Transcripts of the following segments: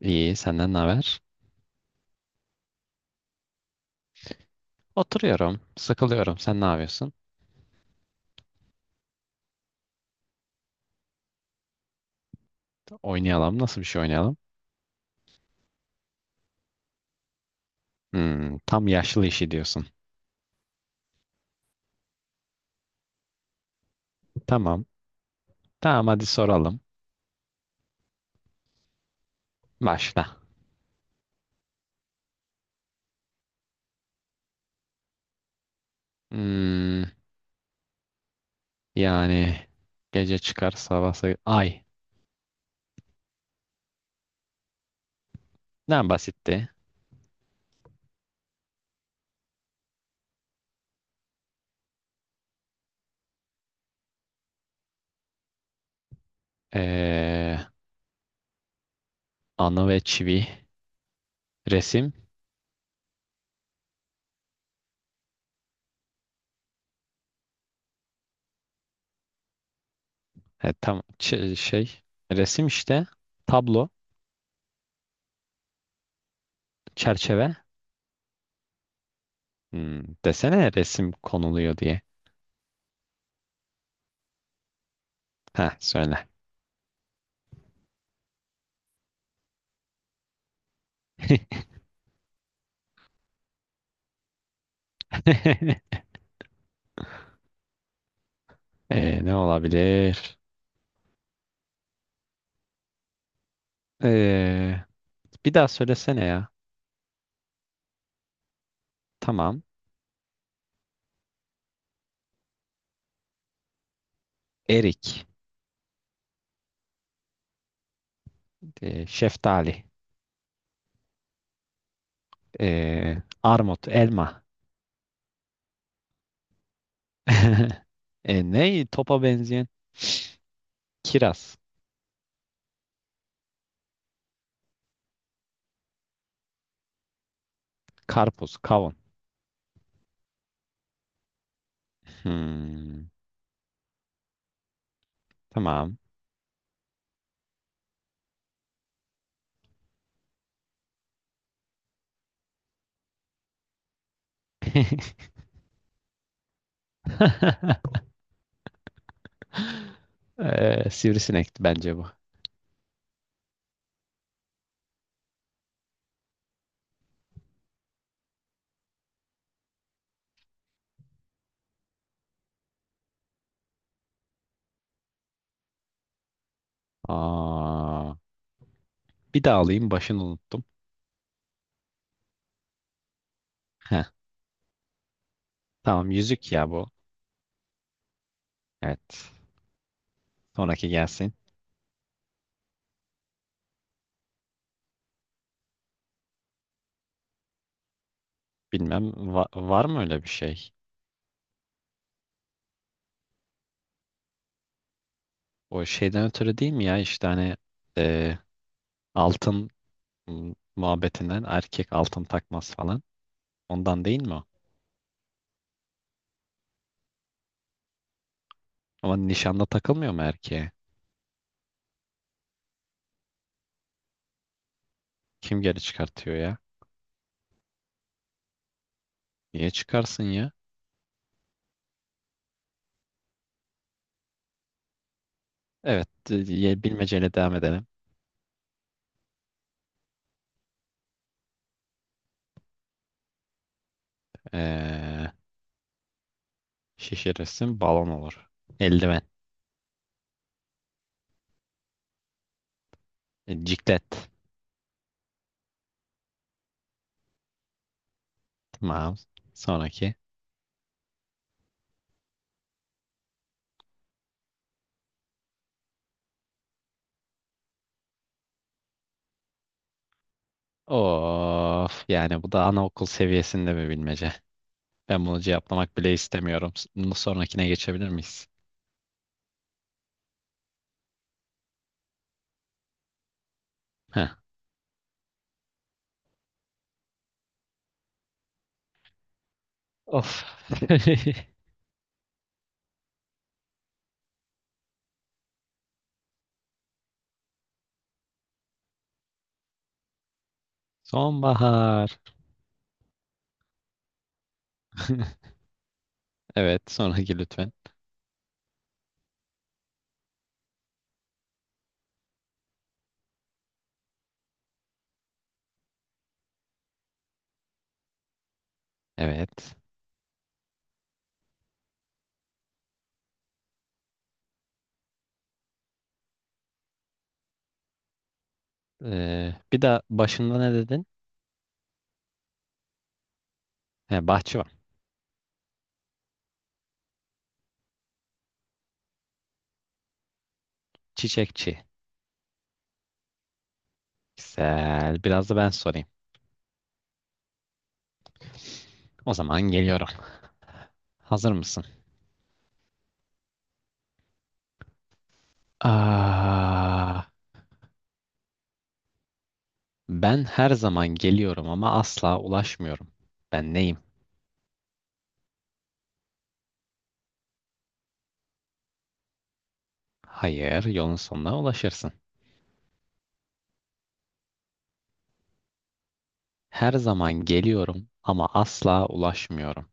İyi, senden ne haber? Oturuyorum, sıkılıyorum. Sen ne yapıyorsun? Oynayalım. Nasıl bir şey oynayalım? Hmm, tam yaşlı işi diyorsun. Tamam. Tamam hadi soralım. Başla. Hmm, yani gece çıkar sabah ay. Ne basitti. Ee, anı ve çivi. Resim. E, tam şey. Resim işte. Tablo. Çerçeve. Hmm, desene resim konuluyor diye. Ha söyle. Ne olabilir? Ee, bir daha söylesene ya. Tamam. Erik, şeftali, armut, elma. Ne topa benzeyen? Kiraz, karpuz, kavun. Hmm, tamam. Sivrisinekti bence bu. Aa, bir daha alayım, başını unuttum. Heh, tamam, yüzük ya bu. Evet. Sonraki gelsin. Bilmem, var mı öyle bir şey? O şeyden ötürü değil mi ya, işte hani e, altın muhabbetinden, erkek altın takmaz falan. Ondan değil mi o? Ama nişanda takılmıyor mu erkeğe? Kim geri çıkartıyor ya? Niye çıkarsın ya? Evet, bilmeceyle devam edelim. E, şişirirsin balon olur. Eldiven. E, ciklet. Tamam. Sonraki. Of, yani bu da anaokul seviyesinde bir bilmece. Ben bunu cevaplamak bile istemiyorum. Sonrakine geçebilir miyiz? Heh. Of. Sonbahar. Evet, sonraki lütfen. Evet. Bir de başında ne dedin? He, bahçıvan. Çiçekçi. Güzel. Biraz da ben sorayım. O zaman geliyorum. Hazır mısın? Aa, ben her zaman geliyorum ama asla ulaşmıyorum. Ben neyim? Hayır, yolun sonuna ulaşırsın. Her zaman geliyorum ama asla ulaşmıyorum.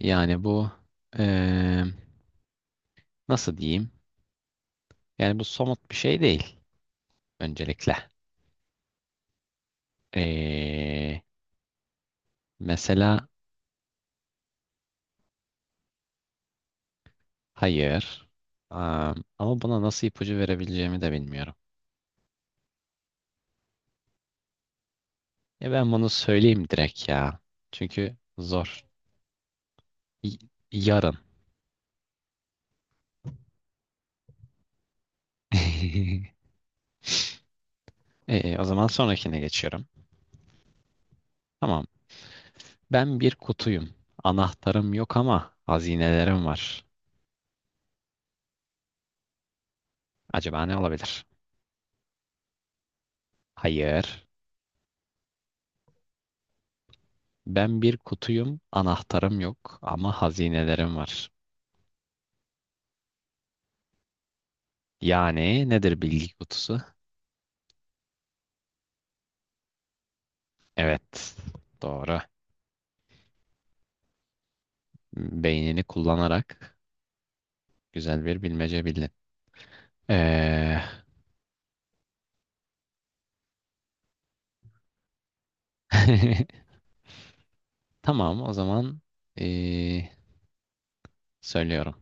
Yani bu eee, nasıl diyeyim? Yani bu somut bir şey değil öncelikle. Ee, mesela hayır. Ama buna nasıl ipucu verebileceğimi de bilmiyorum. E ben bunu söyleyeyim direkt ya. Çünkü zor. Y- Yarın. O zaman sonrakine geçiyorum. Tamam. Ben bir kutuyum. Anahtarım yok ama hazinelerim var. Acaba ne olabilir? Hayır. Ben bir kutuyum. Anahtarım yok ama hazinelerim var. Yani nedir bilgi kutusu? Evet. Doğru. Beynini kullanarak güzel bir bilmece bildin. Ee, tamam, o zaman ee, söylüyorum.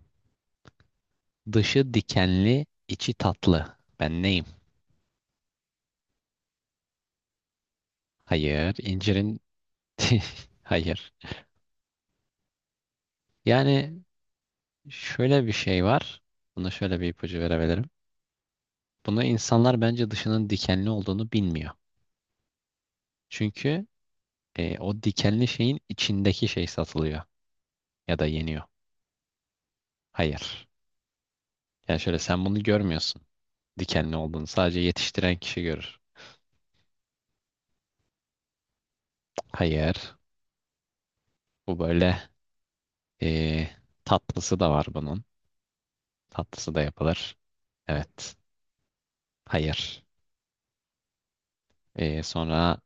Dışı dikenli, içi tatlı. Ben neyim? Hayır, incirin hayır. Yani şöyle bir şey var. Buna şöyle bir ipucu verebilirim. Bunu insanlar, bence, dışının dikenli olduğunu bilmiyor. Çünkü o dikenli şeyin içindeki şey satılıyor ya da yeniyor. Hayır. Yani şöyle, sen bunu görmüyorsun. Dikenli olduğunu sadece yetiştiren kişi görür. Hayır. Bu böyle eee, tatlısı da var bunun. Tatlısı da yapılır. Evet. Hayır. Sonra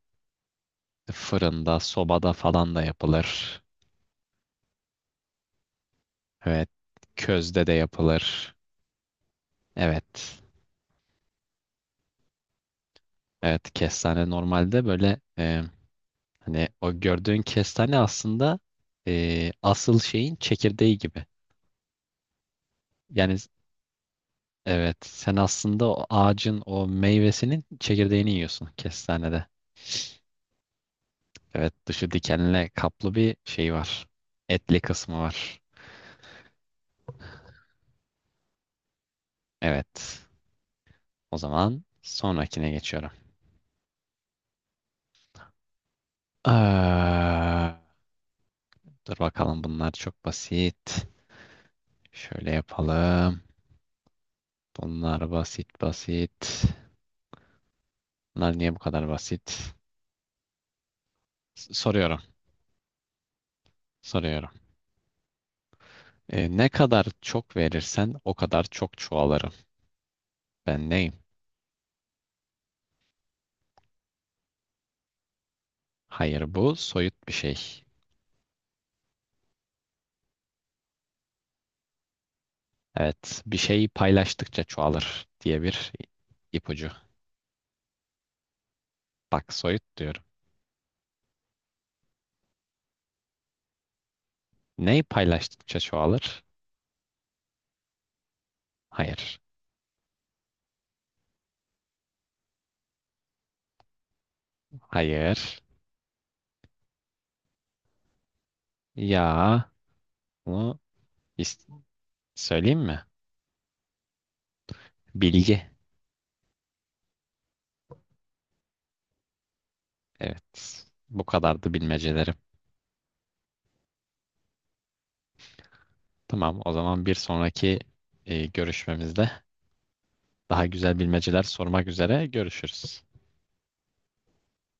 fırında, sobada falan da yapılır. Evet. Közde de yapılır. Evet. Evet. Kestane normalde böyle hani o gördüğün kestane aslında asıl şeyin çekirdeği gibi. Yani evet, sen aslında o ağacın o meyvesinin çekirdeğini yiyorsun kestanede. Evet, dışı dikenle kaplı bir şey var. Etli kısmı var. Evet. O zaman sonrakine geçiyorum. Eee, dur bakalım, bunlar çok basit. Şöyle yapalım. Bunlar basit basit. Bunlar niye bu kadar basit? Soruyorum. Soruyorum. E, ne kadar çok verirsen o kadar çok çoğalırım. Ben neyim? Hayır, bu soyut bir şey. Evet, bir şeyi paylaştıkça çoğalır diye bir ipucu. Bak, soyut diyorum. Ne paylaştıkça çoğalır? Hayır. Hayır. Ya bunu is- söyleyeyim mi? Bilgi. Evet. Bu kadardı bilmecelerim. Tamam, o zaman bir sonraki görüşmemizde daha güzel bilmeceler sormak üzere görüşürüz.